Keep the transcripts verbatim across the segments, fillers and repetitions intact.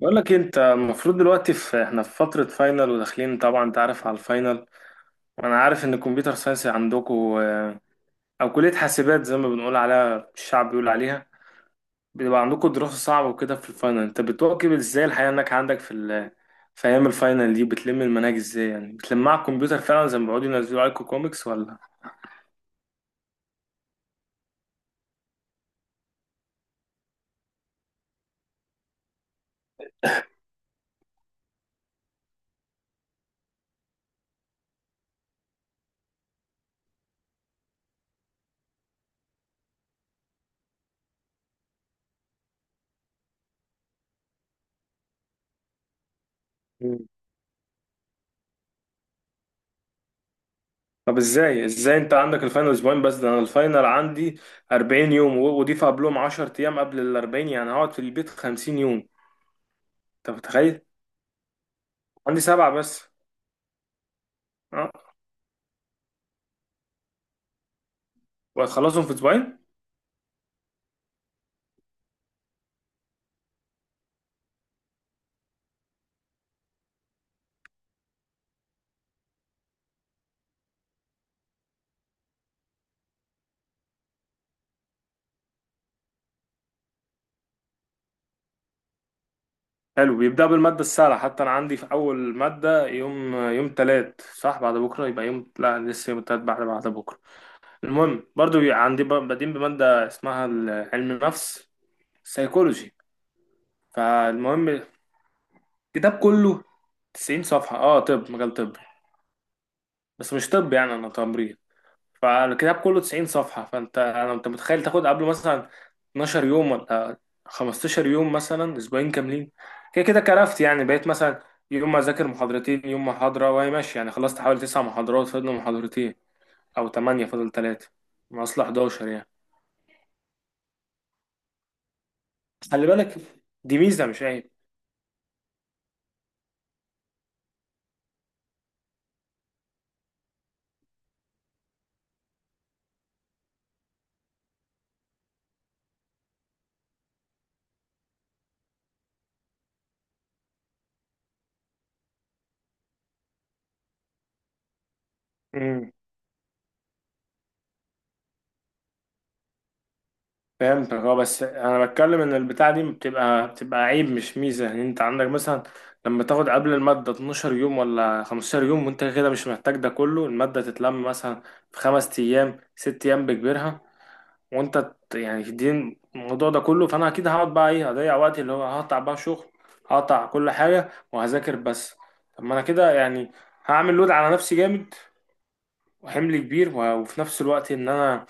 بقول لك انت المفروض دلوقتي في احنا في فترة فاينل وداخلين، طبعا انت عارف على الفاينل. وانا عارف ان الكمبيوتر ساينس عندكم، او كلية حاسبات زي ما بنقول عليها، الشعب بيقول عليها بيبقى عندكم دراسة صعبة وكده. في الفاينل انت بتواكب ازاي الحياة انك عندك في ال... في ايام الفاينل دي بتلم المناهج ازاي؟ يعني بتلمها على الكمبيوتر فعلا زي ما بيقعدوا ينزلوا عليكم كوميكس ولا مم. طب ازاي، ازاي انت عندك الفاينل اسبوعين بس؟ ده انا الفاينل عندي أربعين يوم و- وضيف قبلهم عشر ايام قبل ال أربعين، يعني هقعد في البيت خمسين يوم. انت متخيل؟ عندي سبعة بس. اه، وهتخلصهم في اسبوعين؟ حلو، بيبدأ بالمادة السهلة. حتى انا عندي في اول مادة يوم، يوم تلات صح؟ بعد بكرة يبقى يوم، لا لسه يوم تلات بعد بعد بكرة. المهم برضو بيبقى عندي ب- بادئين بمادة اسمها ال- علم النفس، سيكولوجي. فالمهم الكتاب كله تسعين صفحة. اه، طب مجال طب؟ بس مش طب، يعني انا تمريض. فالكتاب كله تسعين صفحة، فانت انا انت متخيل تاخد قبله مثلا اتناشر يوم ولا خمستاشر يوم مثلا، اسبوعين كاملين، كده كده كرفت. يعني بقيت مثلا يوم ما اذاكر محاضرتين، يوم محاضرة، وهي ماشي. يعني خلصت حوالي تسع محاضرات، فاضل محاضرتين او تمنية فاضل تلاتة، من اصل حداشر يعني. خلي بالك، دي ميزة مش عيب. فهمتك، اه، بس انا بتكلم ان البتاعه دي بتبقى بتبقى عيب مش ميزه. يعني انت عندك مثلا لما تاخد قبل الماده اتناشر يوم ولا خمستاشر يوم، وانت كده مش محتاج ده كله، الماده تتلم مثلا في خمس ايام ست ايام بكبرها، وانت ت- يعني دي الموضوع ده كله. فانا اكيد هقعد بقى ايه، هضيع وقتي اللي هو هقطع بقى شغل، هقطع كل حاجه وهذاكر بس. طب ما انا كده يعني هعمل لود على نفسي جامد وحمل كبير و- وفي نفس الوقت ان انا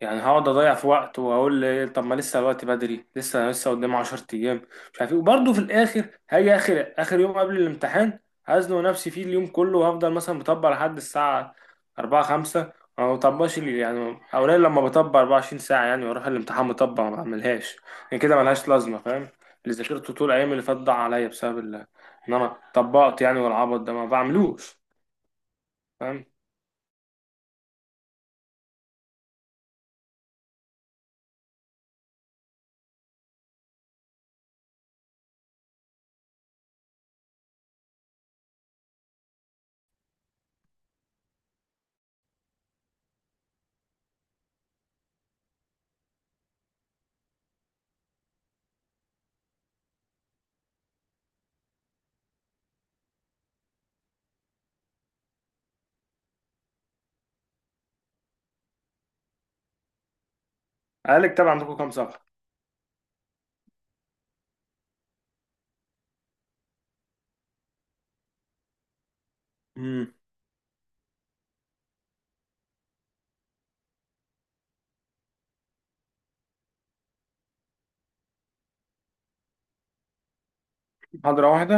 يعني هقعد اضيع في وقت واقول لي طب ما لسه الوقت بدري، لسه انا لسه قدام عشر ايام، مش عارف ايه، وبرضه في الاخر هاجي اخر اخر يوم قبل الامتحان هزنق نفسي فيه اليوم كله وهفضل مثلا مطبق لحد الساعه الرابعة خمسة. ما بطبقش لي- يعني اولا لما بطبق أربعة وعشرين ساعه يعني واروح الامتحان مطبق ما بعملهاش. يعني كده ملهاش لازمه، فاهم؟ اللي ذاكرته طول الايام اللي فاتت ضاع عليا بسبب ال- ان انا طبقت، يعني والعبط ده ما بعملوش. فاهم. قالك طبعا. عندكم كام صفحه؟ امم محاضره واحده؟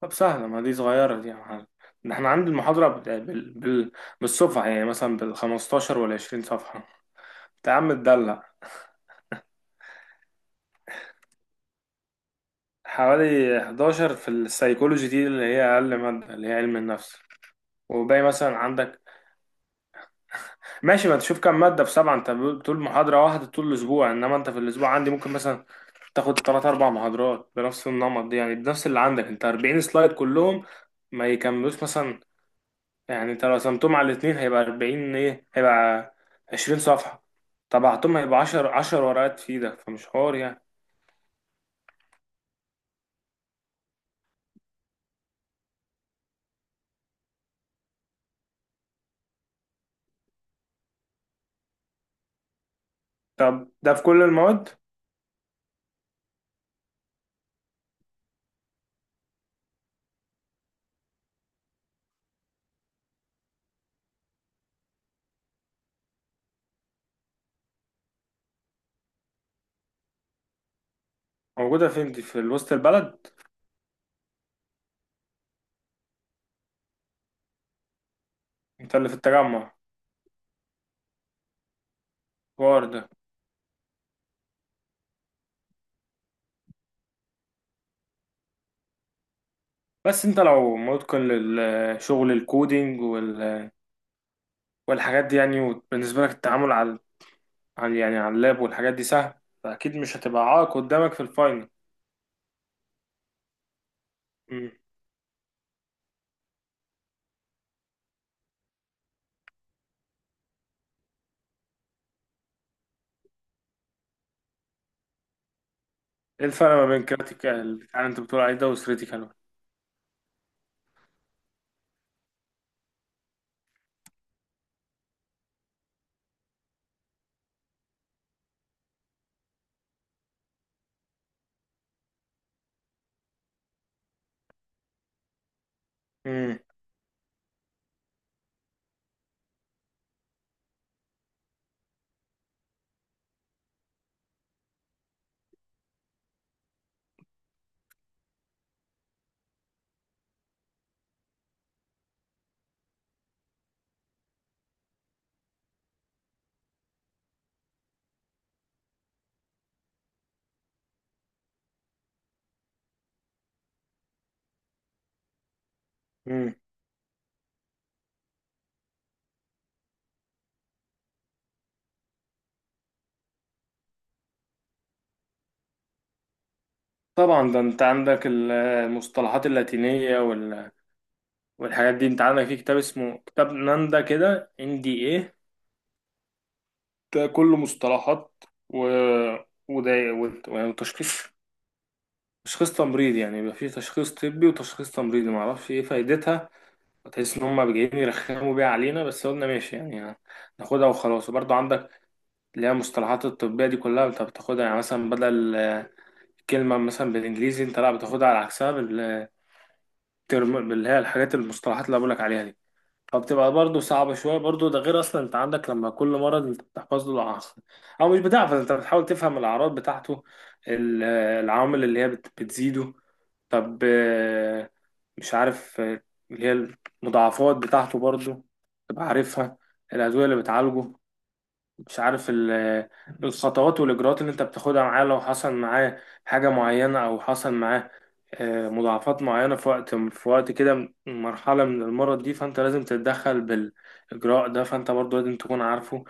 طب سهلة، ما دي صغيرة دي يا معلم. ده احنا عند المحاضرة بال... بال... بال... بالصفحة، يعني مثلا بالخمستاشر والعشرين صفحة. انت يا عم تدلع. حوالي حداشر في السيكولوجي دي اللي هي أقل مادة، اللي هي علم النفس. وباقي مثلا عندك، ماشي، ما تشوف كام مادة في سبعة. انت بتقول محاضرة واحدة طول الأسبوع، انما انت في الأسبوع عندي ممكن مثلا تاخد تلات أربع محاضرات بنفس النمط دي، يعني بنفس اللي عندك انت. أربعين سلايد كلهم ما يكملوش مثلا، يعني انت لو قسمتهم على الاتنين هيبقى أربعين ايه، هيبقى عشرين صفحة. طبعتهم هيبقى عشرة، عشر ورقات في ده، فمش حوار يعني. طب ده في كل المواد؟ موجودة فين دي، في وسط البلد؟ انت اللي في التجمع؟ حوار ده. بس انت لو متقن للشغل الكودينج وال- والحاجات دي، يعني وبالنسبة لك التعامل على على- يعني على اللاب والحاجات دي سهل، فأكيد مش هتبقى عائق قدامك في الفاينل. مم. ايه الفرق ما بين كريتيكال، يعني انت بتقول عليه ده، وكريتيكال؟ طبعا ده انت عندك ال- المصطلحات اللاتينية وال- والحاجات دي. انت عندك في كتاب اسمه كتاب ناندا كده ان دي ايه؟ ده كله مصطلحات، و وده وت- يعني وتشخيص، تشخيص تمريضي، يعني يبقى في تشخيص طبي وتشخيص تمريضي. معرفش ايه فايدتها، تحس ان هم جايين يرخموا بيها علينا، بس قلنا ماشي يعني، ناخدها وخلاص. وبرضه عندك اللي هي المصطلحات الطبية دي كلها، انت بتاخدها يعني مثلا بدل آه، كلمة مثلا بالانجليزي انت لا بتاخدها على عكسها، ترم، اللي هي الحاجات المصطلحات اللي أنا بقولك عليها دي. فبتبقى برضه صعبة شوية. برضه ده غير أصلا أنت عندك لما كل مرض أنت بتحفظ له الأعراض، أو مش بتحفظ، أنت بتحاول تفهم الأعراض بتاعته، ال- العوامل اللي هي بت- بتزيده، طب آه، مش عارف آه، اللي هي المضاعفات بتاعته برضه تبقى عارفها، الأدوية اللي بتعالجه، مش عارف ال- الخطوات والإجراءات اللي أنت بتاخدها معاه لو حصل معاه حاجة معينة أو حصل معاه آه، مضاعفات معينة في وقت، في وقت كده م- مرحلة من المرض دي، فأنت لازم تتدخل بالإجراء ده، فأنت برضه لازم تكون عارفه.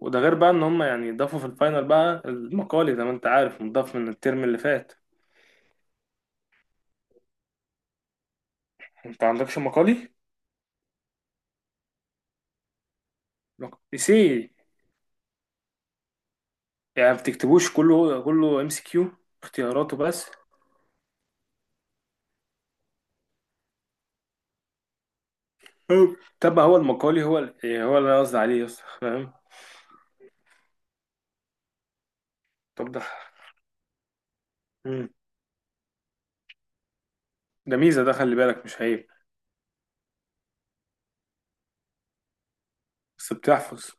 وده غير بقى إن هم يعني ضافوا في الفاينل بقى المقالي زي ما أنت عارف، مضاف من الترم اللي فات. أنت عندكش مقالي؟ مق- سي، يعني ما بتكتبوش كله كله، ام سي كيو، اختياراته بس. أوه. طب هو المقالي هو ال- هو اللي أنا قصدي عليه، يس، فاهم. طب ده مم. ده ميزة ده، خلي بالك مش عيب. بس بتحفظ.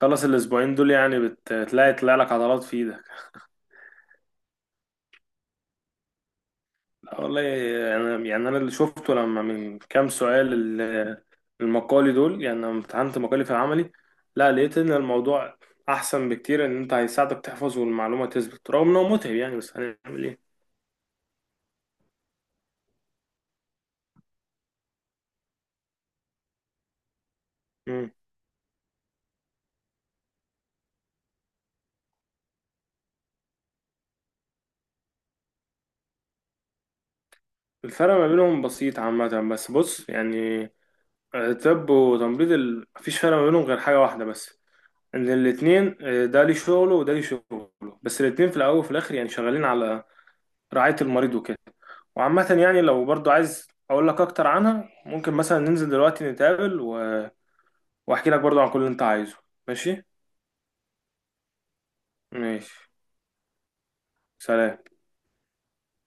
خلص الأسبوعين دول يعني بتلاقي، تلاقي لك عضلات في إيدك. لا والله، يعني, يعني أنا اللي شفته لما من كام سؤال، ال- المقالي دول، يعني لما امتحنت مقالي في العملي، لا لقيت إن الموضوع أحسن بكتير. إن أنت هيساعدك تحفظ والمعلومة تثبت، رغم إنه متعب يعني، بس هنعمل إيه. مم. الفرق ما بينهم بسيط عامة، بس بص يعني. طب وتمريض ال... مفيش فرق ما بينهم غير حاجة واحدة بس، ان الاثنين ده ليه شغله وده ليه شغله، بس الاثنين في الاول وفي الاخر يعني شغالين على رعاية المريض وكده. وعامة يعني لو برضو عايز اقول لك اكتر عنها، ممكن مثلا ننزل دلوقتي نتقابل و... واحكي لك برضو عن كل اللي انت عايزه. ماشي. ماشي. سلام.